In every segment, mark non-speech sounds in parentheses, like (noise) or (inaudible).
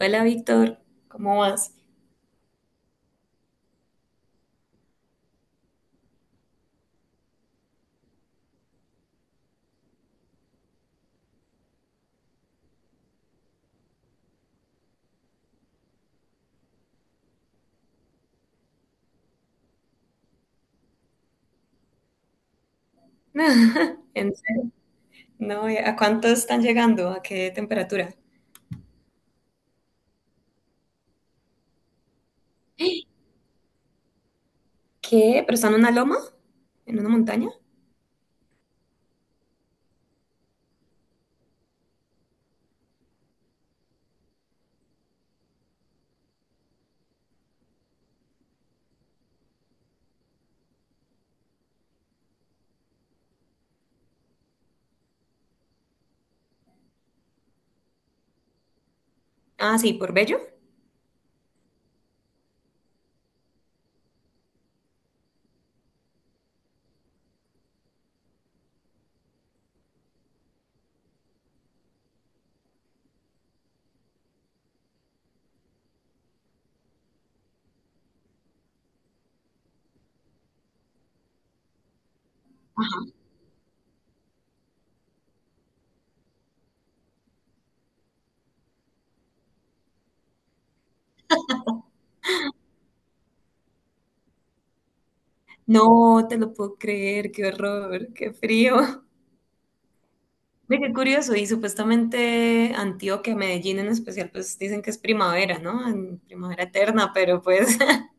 Hola Víctor, ¿cómo vas? (laughs) No, en serio, no, ¿a cuánto están llegando? ¿A qué temperatura? ¿Qué? ¿Pero están en una loma? ¿En una montaña? Ah, sí, por Bello. No te lo puedo creer, qué horror, qué frío. (laughs) Ve, qué curioso, y supuestamente Antioquia, Medellín en especial, pues dicen que es primavera, ¿no? En primavera eterna, pero pues. (laughs)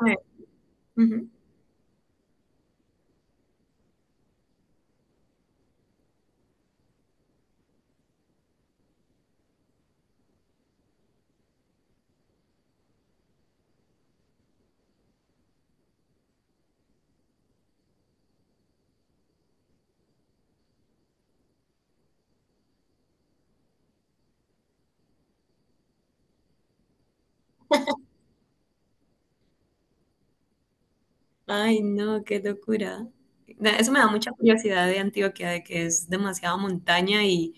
A ver. Ujú. Ay, no, qué locura. Eso me da mucha curiosidad de Antioquia, de que es demasiada montaña y,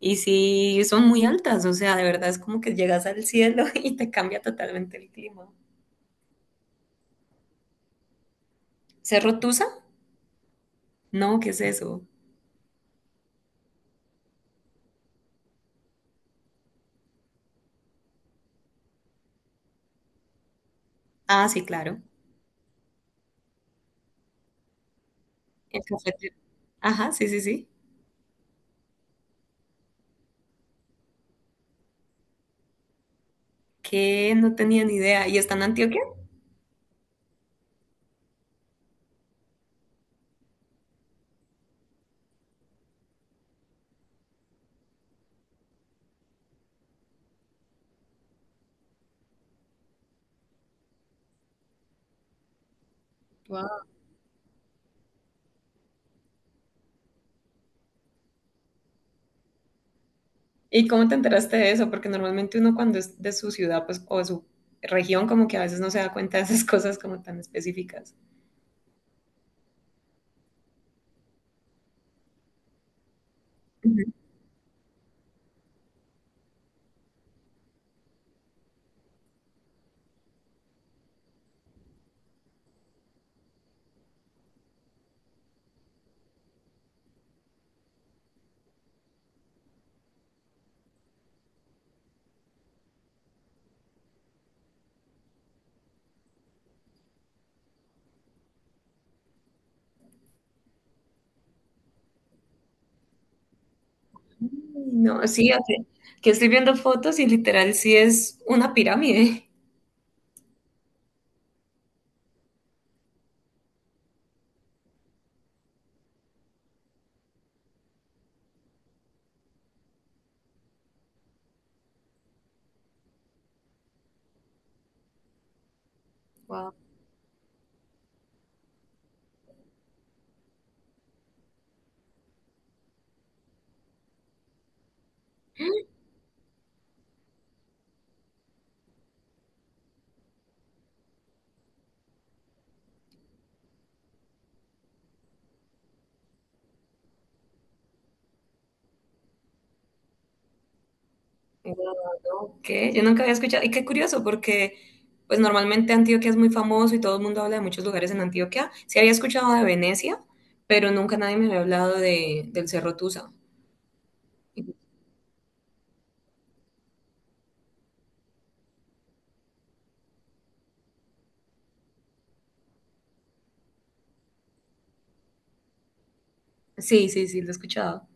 y sí, son muy altas, o sea, de verdad es como que llegas al cielo (laughs) y te cambia totalmente el clima. ¿Cerro Tusa? No, ¿qué es eso? Ah, sí, claro. El cafetero. Ajá, sí, sí, sí. Que no tenía ni idea. ¿Y está en Antioquia? Wow. ¿Y cómo te enteraste de eso? Porque normalmente uno cuando es de su ciudad, pues, o de su región, como que a veces no se da cuenta de esas (laughs) cosas como tan específicas. No, sí, o sea, que estoy viendo fotos y literal sí es una pirámide. Wow. Wow, no, ¿qué? Yo nunca había escuchado. Y qué curioso, porque pues normalmente Antioquia es muy famoso y todo el mundo habla de muchos lugares en Antioquia. Sí había escuchado de Venecia, pero nunca nadie me había hablado de, del Cerro Tusa. Sí, sí, sí, lo he escuchado.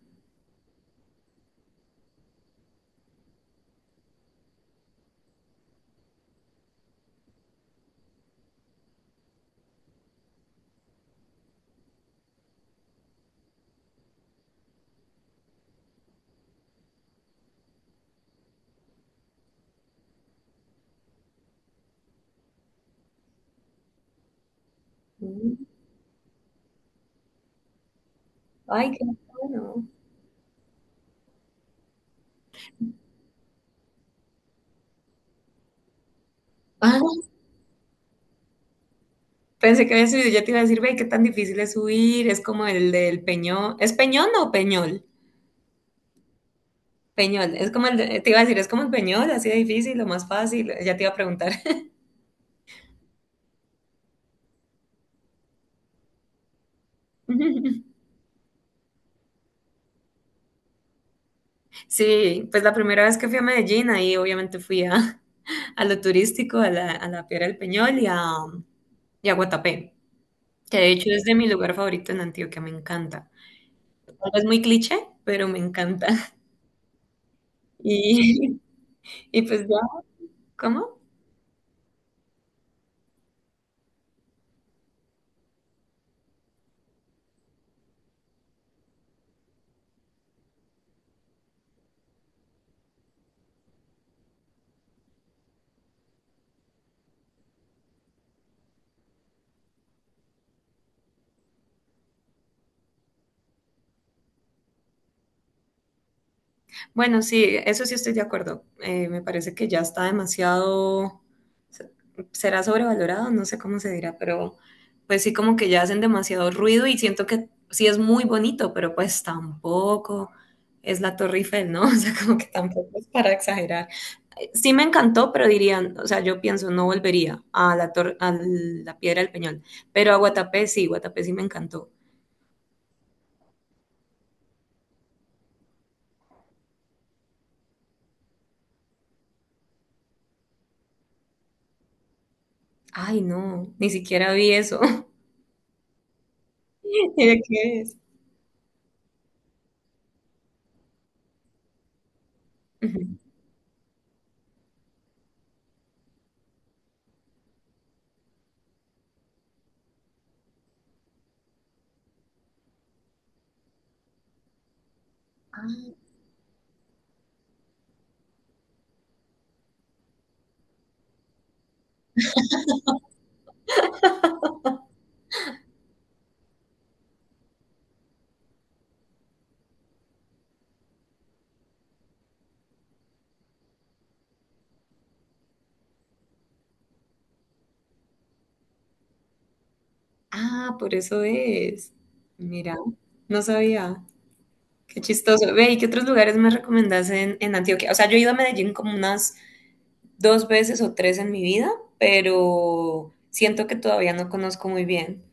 Mm. Ay, qué bueno. Ah, pensé que había subido, ya te iba a decir, ve, qué tan difícil es subir, es como el del Peñón. ¿Es Peñón o Peñol? Peñol, es como el, te iba a decir, es como el Peñol, así de difícil o más fácil, ya te iba a preguntar. (laughs) Sí, pues la primera vez que fui a Medellín, ahí obviamente fui a lo turístico, a la Piedra del Peñol y a Guatapé, que de hecho es de mi lugar favorito en Antioquia, me encanta. Tal vez muy cliché, pero me encanta. Y, (laughs) y pues ya, ¿cómo? Bueno, sí, eso sí estoy de acuerdo. Me parece que ya está demasiado, se- será sobrevalorado, no sé cómo se dirá, pero pues sí como que ya hacen demasiado ruido y siento que sí es muy bonito, pero pues tampoco es la Torre Eiffel, ¿no? (laughs) O sea, como que tampoco es para exagerar. Sí me encantó, pero dirían, o sea, yo pienso, no volvería a la torre, a la Piedra del Peñol, pero a Guatapé sí me encantó. Ay, no, ni siquiera vi eso. (laughs) ¿De qué es? Ujú. Ah, por eso es. Mira, no sabía. Qué chistoso. Ve, ¿y qué otros lugares me recomendás en Antioquia? O sea, yo he ido a Medellín como unas dos veces o tres en mi vida, pero siento que todavía no conozco muy bien.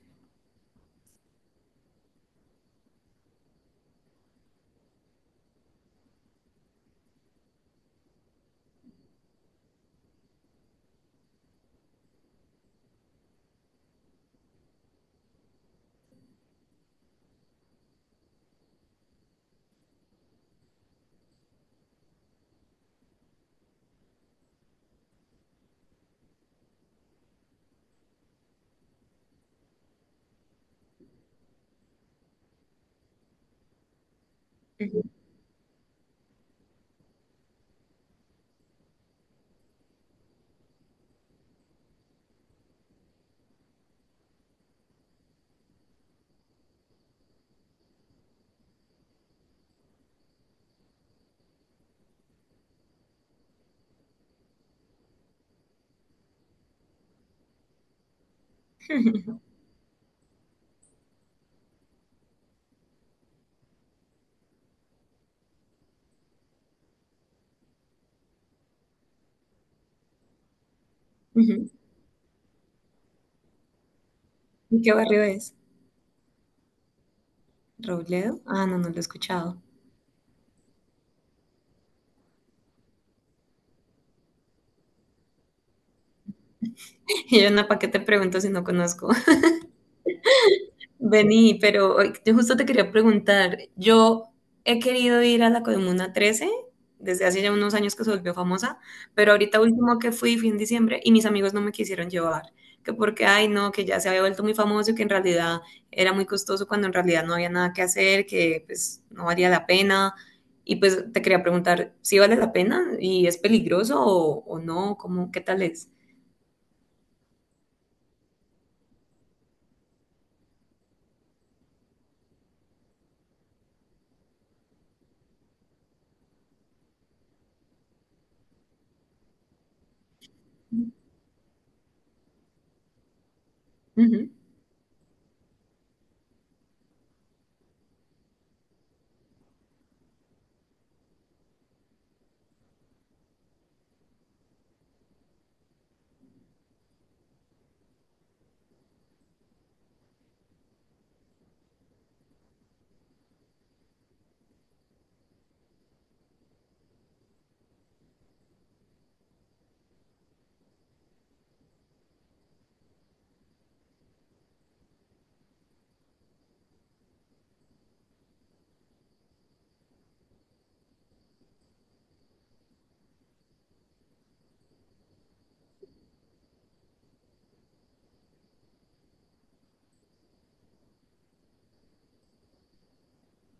Ujú, ujú. ¿Y qué barrio es? ¿Robledo? Ah, no, no lo he escuchado. (laughs) Y yo, no, ¿para qué te pregunto si no conozco? Vení, pero ay, yo justo te quería preguntar, yo he querido ir a la Comuna 13 desde hace ya unos años que se volvió famosa, pero ahorita último que fui fue en diciembre y mis amigos no me quisieron llevar, que porque, ay no, que ya se había vuelto muy famoso y que en realidad era muy costoso cuando en realidad no había nada que hacer, que pues no valía la pena. Y pues te quería preguntar, ¿si vale la pena y es peligroso o no? ¿Cómo, qué tal es? Ujú,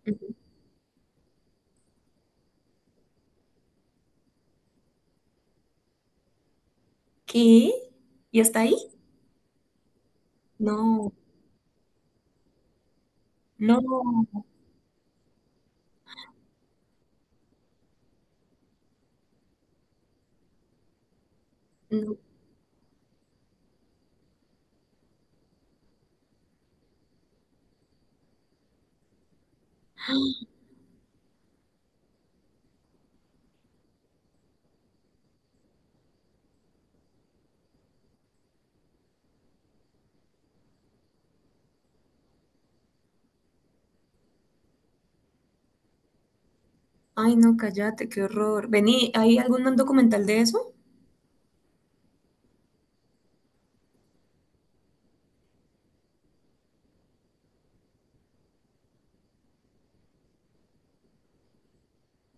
ujú. ¿Qué? ¿Y hasta ahí? No, no. No. Ay, no, cállate, qué horror. Vení, ¿hay algún documental de eso?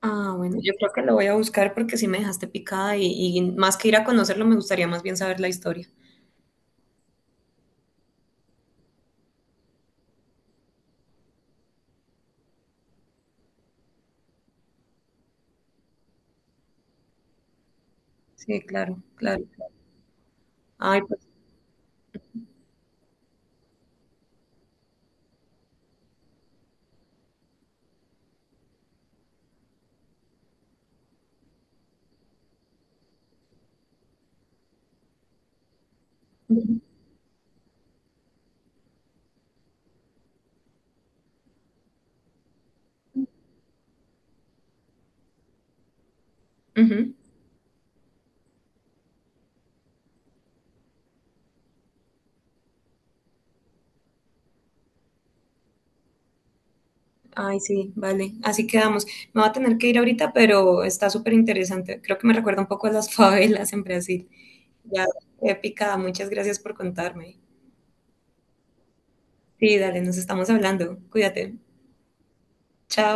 Ah, bueno, yo creo que lo voy a buscar porque sí me dejaste picada y más que ir a conocerlo, me gustaría más bien saber la historia. Sí, claro, claro. Ay, pues. Ujú, ujú. Ay, sí, vale. Así quedamos. Me va a tener que ir ahorita, pero está súper interesante. Creo que me recuerda un poco a las (laughs) favelas en Brasil. Ya, qué picada. Muchas gracias por contarme. Sí, dale, nos estamos hablando. Cuídate. Chao.